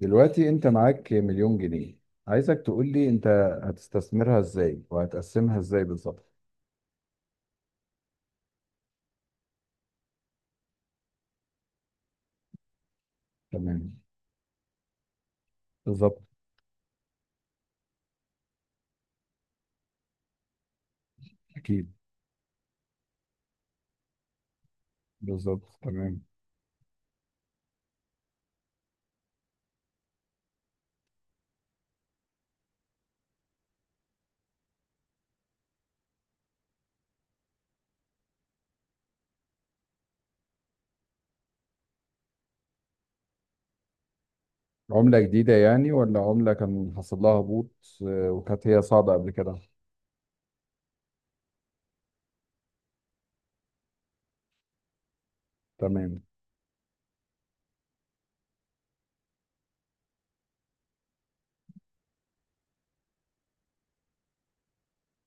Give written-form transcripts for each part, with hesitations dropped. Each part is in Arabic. دلوقتي انت معاك مليون جنيه. عايزك تقول لي انت هتستثمرها ازاي وهتقسمها ازاي بالظبط؟ تمام. بالظبط. اكيد. بالظبط، تمام. عملة جديدة يعني، ولا عملة كان حصل لها هبوط؟ آه، وكانت هي صاعدة قبل كده. تمام،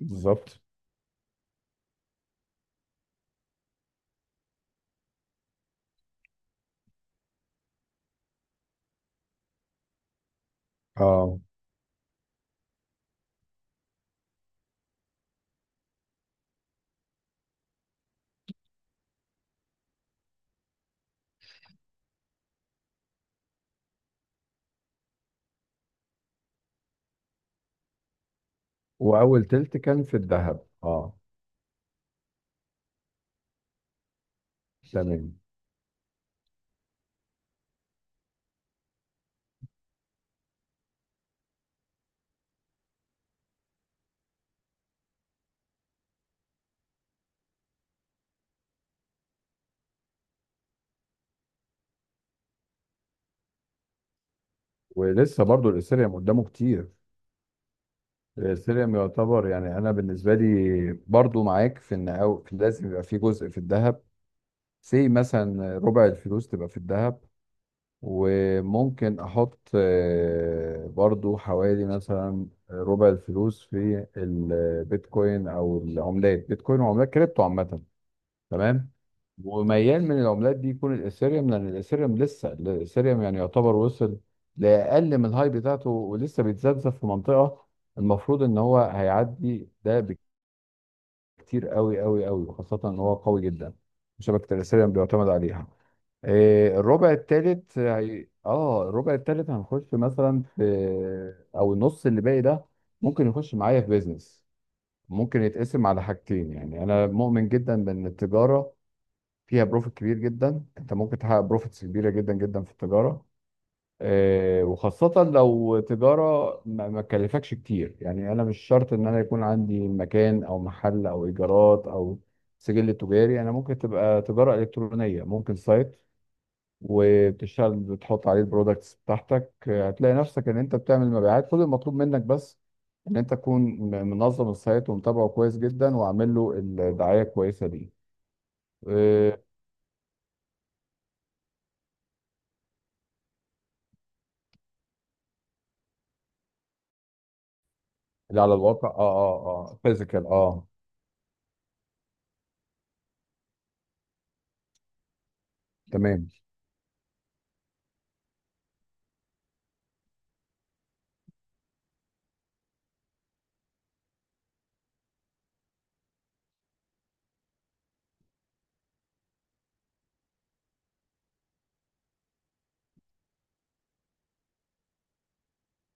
بالظبط، اه. واول تلت كان في الذهب، اه. تمام. ولسه برضو الاثيريوم قدامه كتير. الاثيريوم يعتبر، يعني انا بالنسبة لي برضو معاك في ان أو لازم يبقى في جزء في الذهب. سي مثلا ربع الفلوس تبقى في الذهب. وممكن احط برضو حوالي مثلا ربع الفلوس في البيتكوين او العملات، بيتكوين وعملات كريبتو عامه. تمام. وميال من العملات دي يكون الاثيريوم، لان الاثيريوم لسه يعني يعتبر وصل لاقل من الهاي بتاعته، ولسه بيتذبذب في منطقه المفروض ان هو هيعدي ده بكتير، قوي قوي قوي، وخاصه ان هو قوي جدا. شبكه الاثيريوم بيعتمد عليها. الربع التالت الربع التالت هنخش مثلا في، او النص اللي باقي ده، ممكن يخش معايا في بيزنس. ممكن يتقسم على حاجتين. يعني انا مؤمن جدا بان التجاره فيها بروفيت كبير جدا. انت ممكن تحقق بروفيتس كبيره جدا جدا في التجاره. وخاصه لو تجاره ما تكلفكش كتير. يعني انا مش شرط ان انا يكون عندي مكان او محل او ايجارات او سجل تجاري. انا ممكن تبقى تجاره الكترونيه، ممكن سايت وبتشتغل، بتحط عليه البرودكتس بتاعتك، هتلاقي نفسك ان انت بتعمل مبيعات. كل المطلوب منك بس ان انت تكون منظم السايت ومتابعه كويس جدا وعامل له الدعايه كويسه دي. إيه. اللي على الواقع، اه. اه، اه، فيزيكال، اه. تمام،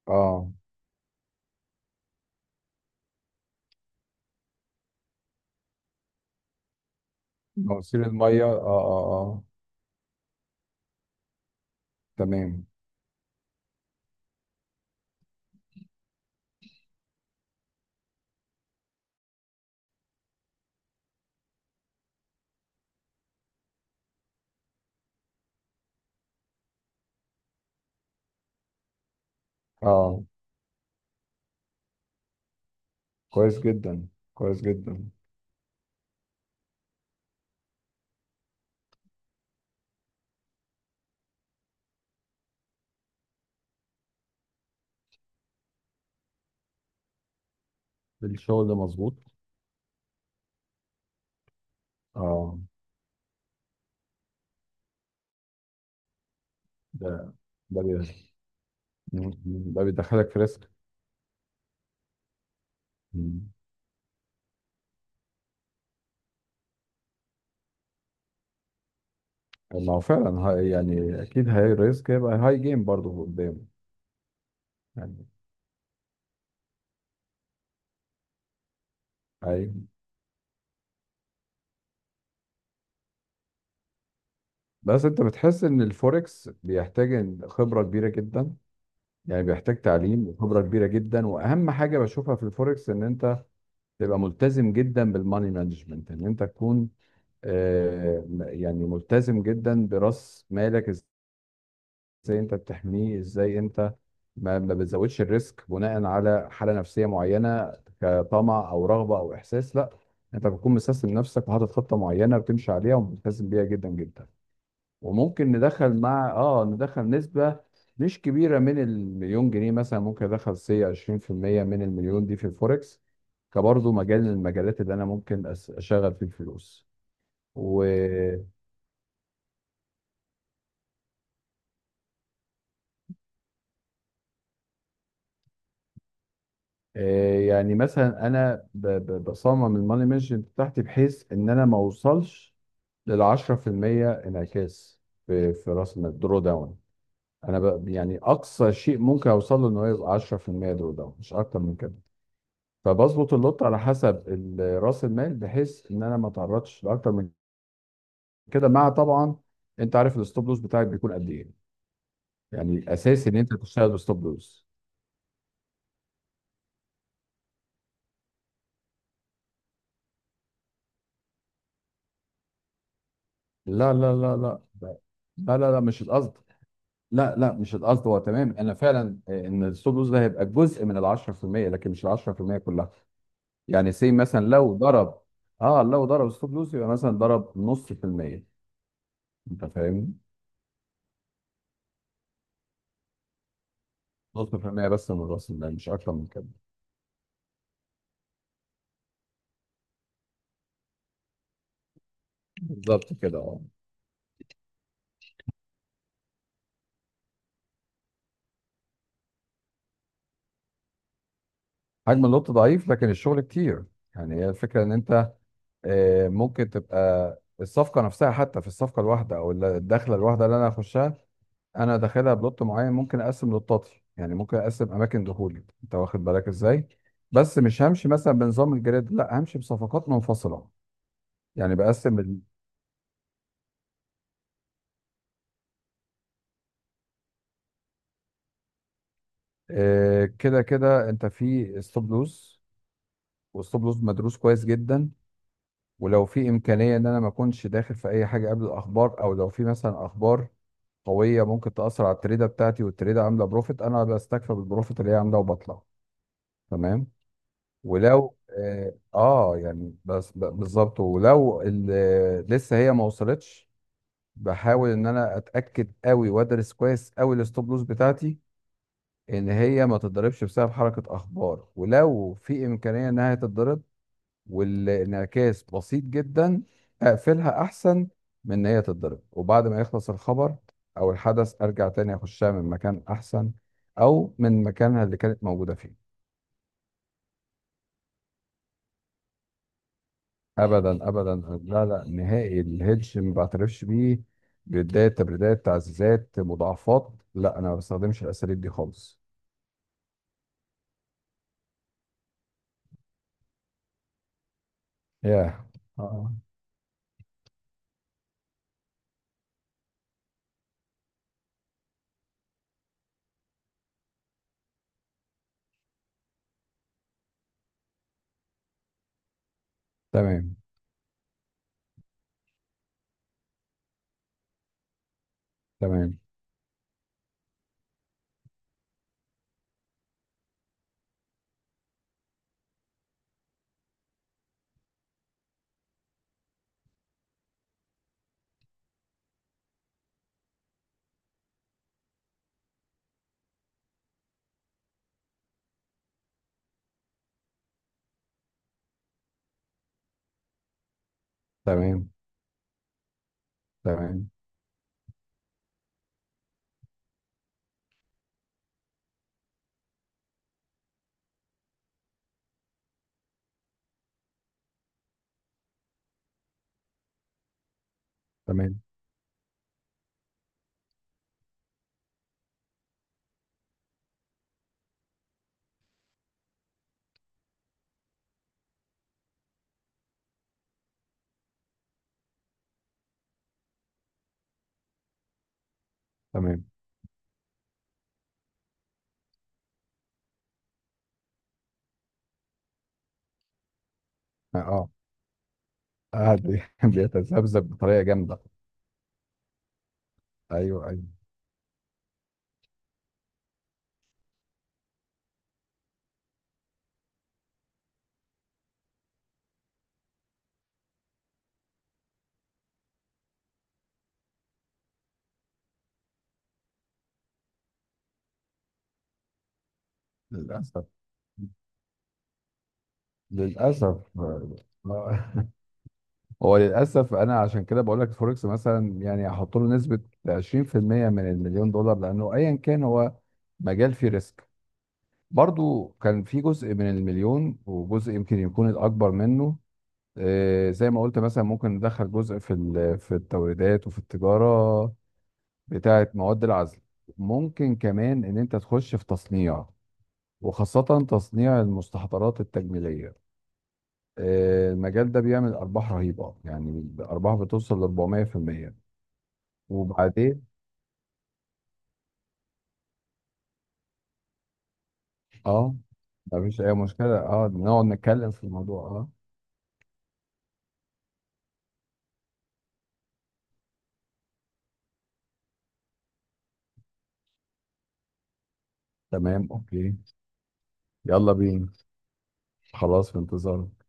اه. مواسير الميه، اه، اه، اه. تمام، اه. كويس جدا، كويس جدا. الشغل ده مظبوط، اه. ده ده بي- ده بيدخلك في ريسك. ما هو فعلا هاي، يعني اكيد هاي ريسك، هيبقى هاي جيم برضه قدامه. يعني هاي. بس انت بتحس ان الفوركس بيحتاج إن خبره كبيره جدا. يعني بيحتاج تعليم وخبره كبيره جدا. واهم حاجه بشوفها في الفوركس ان انت تبقى ملتزم جدا بالماني مانجمنت، ان انت تكون يعني ملتزم جدا براس مالك. ازاي انت بتحميه؟ ازاي انت ما بتزودش الريسك بناء على حاله نفسيه معينه، كطمع او رغبه او احساس؟ لا. انت بتكون مسيستم نفسك وحاطط خطه معينه بتمشي عليها وملتزم بيها جدا جدا. وممكن ندخل، مع ندخل نسبه مش كبيره من المليون جنيه. مثلا ممكن ادخل سي 20% من المليون دي في الفوركس، كبرضه مجال من المجالات اللي انا ممكن اشغل فيه الفلوس. و يعني مثلا انا بصمم الماني مانجمنت بتاعتي بحيث ان انا ما اوصلش لل 10% انعكاس في راس المال، درو داون. انا ب، يعني اقصى شيء ممكن اوصل له ان هو يبقى 10% درو داون، مش اكتر من كده. فبظبط اللوت على حسب راس المال، بحيث ان انا ما اتعرضش لاكتر من كده، مع طبعا انت عارف الستوب لوس بتاعك بيكون قد ايه. يعني اساسي ان انت تشتغل بستوب لوس. لا لا لا لا لا. لا لا، لا مش القصد. لا لا، مش القصد. هو تمام، انا فعلا، آه، ان الستوب لوس ده هيبقى جزء من ال 10%، لكن مش ال 10% كلها. يعني سي مثلا لو ضرب، اه، لو ضرب ستوب لوس، يبقى مثلا ضرب نص في المية. انت فاهم؟ نص في المية بس من الراس المال، مش اكتر من كده. بالظبط كده، اه. حجم اللوت ضعيف، لكن الشغل كتير. يعني هي الفكرة ان انت، آه، ممكن تبقى الصفقه نفسها. حتى في الصفقه الواحده او الدخله الواحده اللي انا هخشها، انا داخلها بلوت معين. ممكن اقسم لوتاتي. يعني ممكن اقسم اماكن دخولي، انت واخد بالك ازاي؟ بس مش همشي مثلا بنظام الجريد، لا، همشي بصفقات منفصله. يعني بقسم كده كده انت في ستوب لوز، والستوب لوز مدروس كويس جدا. ولو في امكانيه ان انا ما اكونش داخل في اي حاجه قبل الاخبار، او لو في مثلا اخبار قويه ممكن تاثر على التريده بتاعتي والتريده عامله بروفيت، انا بستكفى بالبروفيت اللي هي عامله وبطلع. تمام. ولو اه، آه، يعني بس بالظبط، ولو لسه هي ما وصلتش، بحاول ان انا اتاكد قوي وادرس كويس قوي الستوب لوس بتاعتي، ان هي ما تتضربش بسبب حركه اخبار. ولو في امكانيه انها تتضرب والانعكاس بسيط جدا، اقفلها احسن من ان هي تتضرب. وبعد ما يخلص الخبر او الحدث، ارجع تاني اخشها من مكان احسن، او من مكانها اللي كانت موجوده فيه. ابدا، ابدا. لا لا، نهائي الهيدج ما بعترفش بيه. بيدات، تبريدات، تعزيزات، مضاعفات، لا، انا ما بستخدمش الاساليب دي خالص. ياه. اه. تمام. تمام. تمام. تمام. تمام. تمام. اه. قاعد بيتذبذب بطريقه جامده. ايوه. للأسف، للأسف، آه. هو للأسف أنا عشان كده بقول لك الفوركس مثلا، يعني أحط له نسبة 20% من المليون دولار، لأنه أيا كان هو مجال فيه ريسك. برضو كان في جزء من المليون، وجزء يمكن يكون الأكبر منه. زي ما قلت، مثلا ممكن ندخل جزء في في التوريدات وفي التجارة بتاعة مواد العزل. ممكن كمان إن أنت تخش في تصنيع، وخاصة تصنيع المستحضرات التجميلية. المجال ده بيعمل ارباح رهيبه، يعني ارباح بتوصل ل 400%. وبعدين، اه، ما فيش اي مشكله، اه، نقعد نتكلم في الموضوع، اه. تمام، اوكي. يلا بينا. خلاص، في انتظارك.